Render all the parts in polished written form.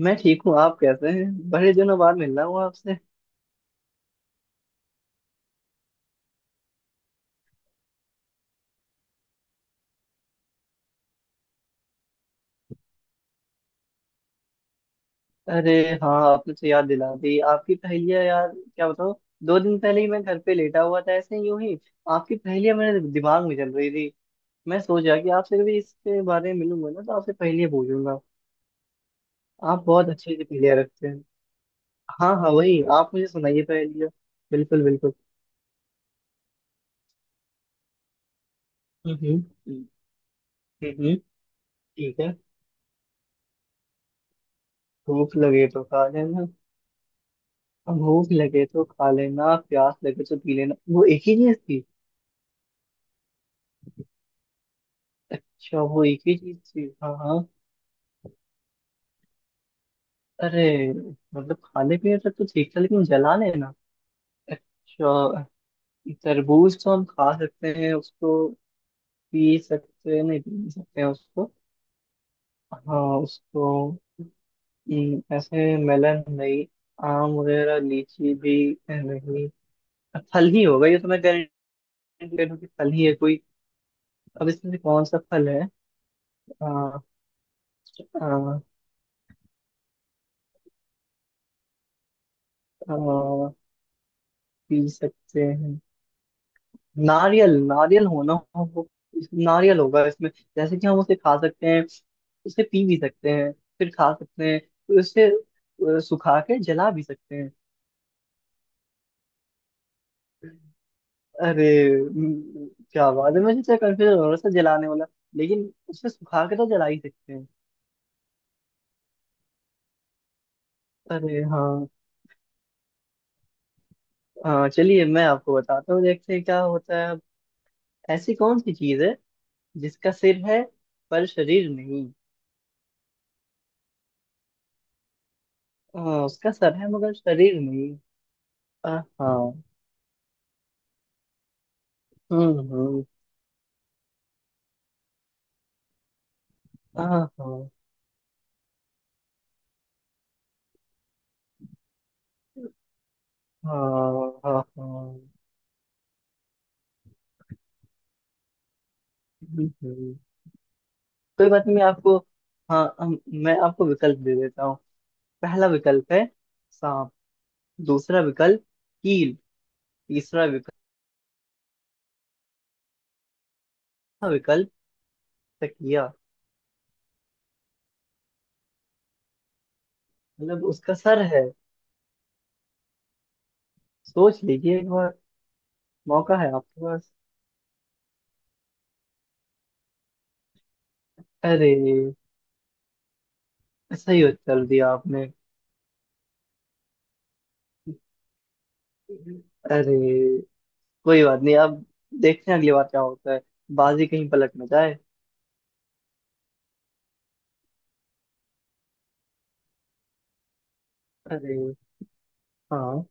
मैं ठीक हूँ। आप कैसे हैं? बड़े दिनों बाद मिल रहा हूँ आपसे। अरे हाँ, आपने तो याद दिला दी। आपकी पहेलियाँ यार, क्या बताऊँ। दो दिन पहले ही मैं घर पे लेटा हुआ था, ऐसे ही यूं ही। आपकी पहेलियाँ मेरे दिमाग में चल रही थी। मैं सोच रहा कि आपसे कभी इसके बारे में मिलूंगा ना, तो आपसे पहेलियाँ पूछूंगा। आप बहुत अच्छी अच्छी पहेलियाँ रखते हैं। हाँ हाँ, वही आप मुझे सुनाइए पहेलियाँ। बिल्कुल बिल्कुल। हम्म। हम्म, हम्म, ठीक है। भूख लगे तो खा लेना। भूख लगे तो खा लेना, प्यास लगे तो पी लेना, वो एक ही चीज थी। अच्छा, वो एक ही चीज थी। हाँ हाँ। अरे। मतलब खाने पीने तक तो ठीक था, लेकिन जला लेना। अच्छा। तरबूज तो हम खा सकते हैं उसको। पी सकते हैं, नहीं पी नहीं सकते हैं उसको। हाँ उसको। ऐसे मेलन नहीं। आम वगैरह, लीची भी। नहीं। फल ही होगा ये, तो मैं गारंटी दे रहा हूँ कि फल ही है कोई। अब इसमें से कौन सा फल है? आ, आ, आ, पी सकते हैं। नारियल नारियल होना हो। नारियल होगा इसमें। जैसे कि हम उसे खा सकते हैं, उसे पी भी सकते हैं, फिर खा सकते हैं, फिर उसे सुखा के जला भी सकते हैं। अरे। क्या बात है, मुझे तो कंफ्यूजन हो रहा था जलाने वाला। लेकिन उसे सुखा के तो जला ही सकते हैं। अरे हाँ। हाँ चलिए, मैं आपको बताता हूँ। देखते हैं क्या होता है अब। ऐसी कौन सी चीज है जिसका सिर है पर शरीर नहीं? हाँ, उसका सर है मगर शरीर नहीं। अ, हाँ। हम्म। हाँ हाँ हाँ हाँ हाँ, बिल्कुल। कोई बात नहीं, मैं आपको हाँ मैं आपको विकल्प दे देता हूँ। पहला विकल्प है सांप। दूसरा विकल्प कील। तीसरा विकल्प हाँ, विकल्प तकिया। मतलब उसका सर है। सोच लीजिए एक बार। मौका है आपके पास। अरे। सही उत्तर दिया आपने। अरे। कोई बात नहीं अब। देखते हैं अगली बार क्या होता है। बाजी कहीं पलट न जाए। अरे हाँ।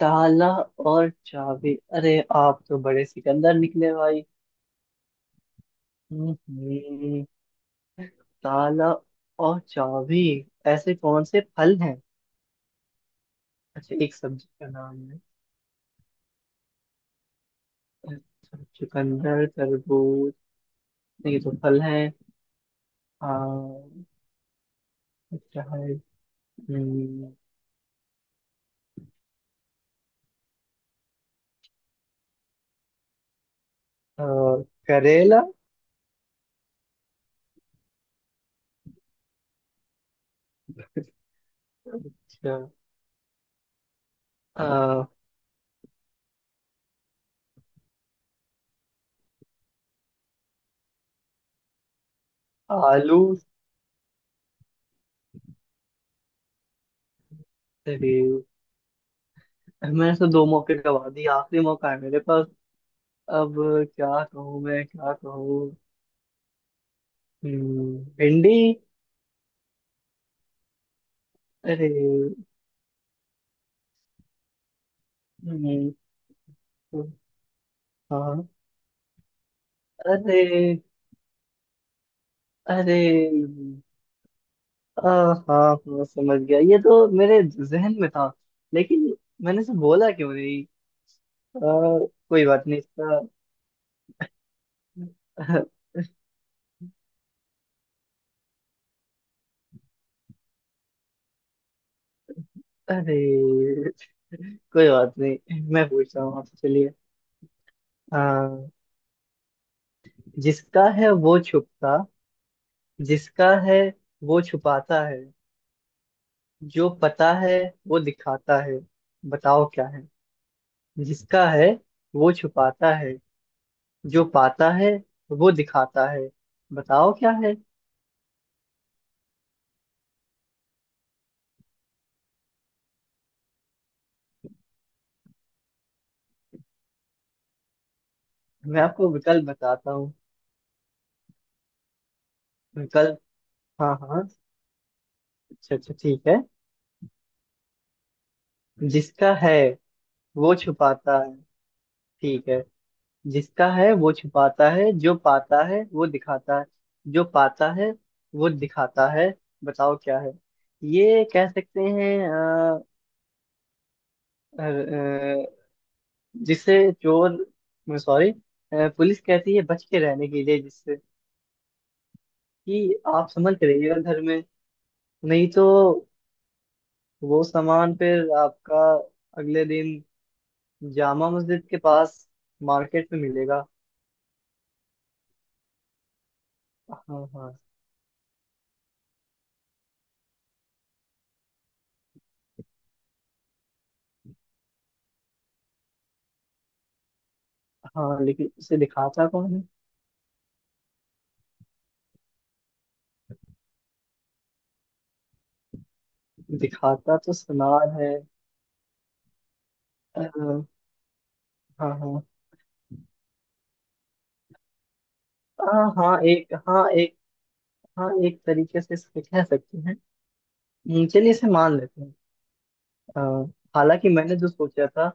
ताला और चाबी! अरे आप तो बड़े सिकंदर निकले भाई। हम्म हम्म, ताला और चाबी। ऐसे कौन से फल हैं? अच्छा, एक सब्जी का नाम है। अच्छा, चुकंदर, तरबूज। नहीं, ये तो फल है। आ, अच्छा है। हम्म, आ, करेला। अच्छा। आ, आलू। अरे। मैंने तो दो मौके गवा दिए, आखिरी मौका है मेरे पास। अब क्या कहूँ, मैं क्या कहूँ। भिंडी। अरे। हम्म। हाँ। अरे। अरे। आ, हाँ हाँ, समझ गया ये तो मेरे जहन में था। लेकिन मैंने से बोला क्यों नहीं। आ, कोई बात नहीं इसका। अरे। कोई बात नहीं, मैं पूछ रहा हूँ आपसे। चलिए। आ, जिसका है वो छुपता। जिसका है वो छुपाता है। जो पता है वो दिखाता है। बताओ क्या है। जिसका है वो छुपाता है। जो पाता है वो दिखाता है। बताओ क्या है? मैं आपको विकल्प बताता हूँ। विकल्प। हाँ हाँ। अच्छा अच्छा, ठीक है। जिसका है वो छुपाता है। ठीक है। जिसका है वो छुपाता है, जो पाता है वो दिखाता है। जो पाता है वो दिखाता है। बताओ क्या है? ये कह सकते हैं अ, अ, जिसे चोर, सॉरी, पुलिस कहती है बच के रहने के लिए जिससे कि आप समझ रहिएगा घर में। नहीं तो वो सामान फिर आपका अगले दिन जामा मस्जिद के पास मार्केट में मिलेगा। हाँ हाँ। हाँ, लेकिन उसे दिखाता कौन है? दिखाता तो सुनार है। अ, हाँ हाँ। हाँ हाँ एक हाँ एक। हाँ एक तरीके से इसे कह सकते हैं। चलिए इसे मान लेते हैं। अ, हालांकि मैंने जो सोचा था।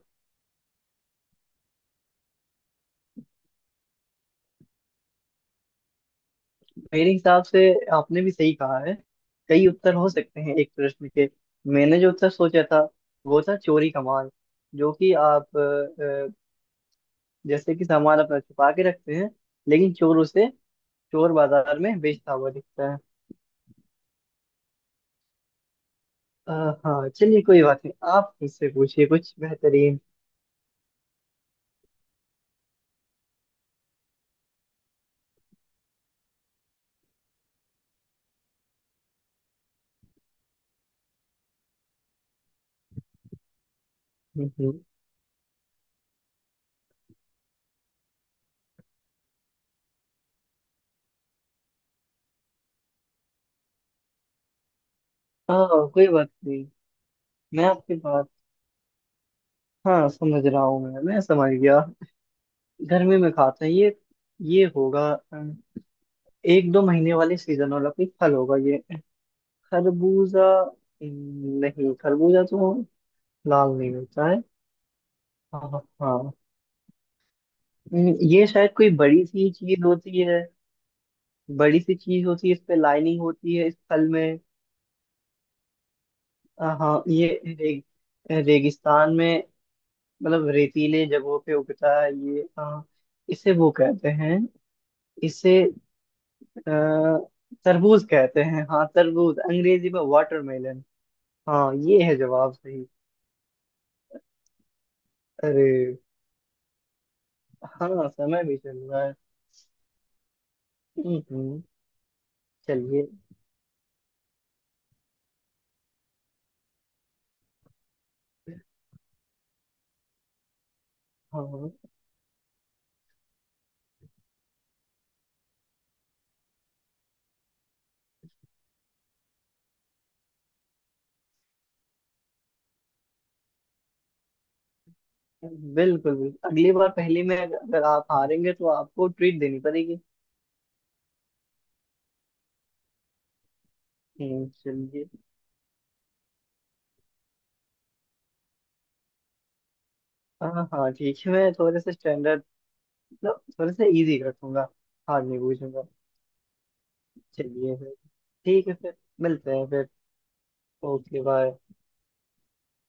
मेरे हिसाब से आपने भी सही कहा है। कई उत्तर हो सकते हैं एक प्रश्न के। मैंने जो उत्तर सोचा था वो था चोरी का माल। जो कि आप अ, जैसे कि सामान अपना छुपा के रखते हैं। लेकिन चोर उसे चोर बाजार में बेचता हुआ दिखता है। अ, हाँ चलिए, कोई बात नहीं। आप मुझसे पूछिए कुछ बेहतरीन। हम्म, हम्म। हाँ कोई बात नहीं। मैं आपकी बात हाँ समझ रहा हूँ, मैं समझ गया। गर्मी में खाता है ये। ये होगा एक दो महीने वाले सीजन वाला कोई फल होगा ये। खरबूजा। नहीं, खरबूजा तो लाल नहीं होता है। हाँ हाँ। ये शायद कोई बड़ी सी चीज होती है। बड़ी सी चीज होती है, इस पे लाइनिंग होती है इस फल में। हाँ हाँ, ये रेगिस्तान में। मतलब रेतीले जगहों पे उगता है ये, हाँ। इसे वो कहते हैं। इसे आ, तरबूज कहते हैं। हाँ तरबूज, अंग्रेजी में वाटरमेलन। हाँ ये है जवाब सही। अरे। हाँ समय भी चल रहा है। हम्म, हम्म। चलिए। हाँ हाँ, बिल्कुल बिल्कुल, अगली बार पहले में अगर अगर आप हारेंगे तो आपको ट्रीट देनी पड़ेगी। चलिए। हाँ हाँ ठीक है, मैं थोड़े से स्टैंडर्ड। मतलब थोड़े से इजी रखूंगा। हार नहीं पूछूंगा। चलिए फिर। ठीक है फिर। मिलते हैं फिर। Okay bye.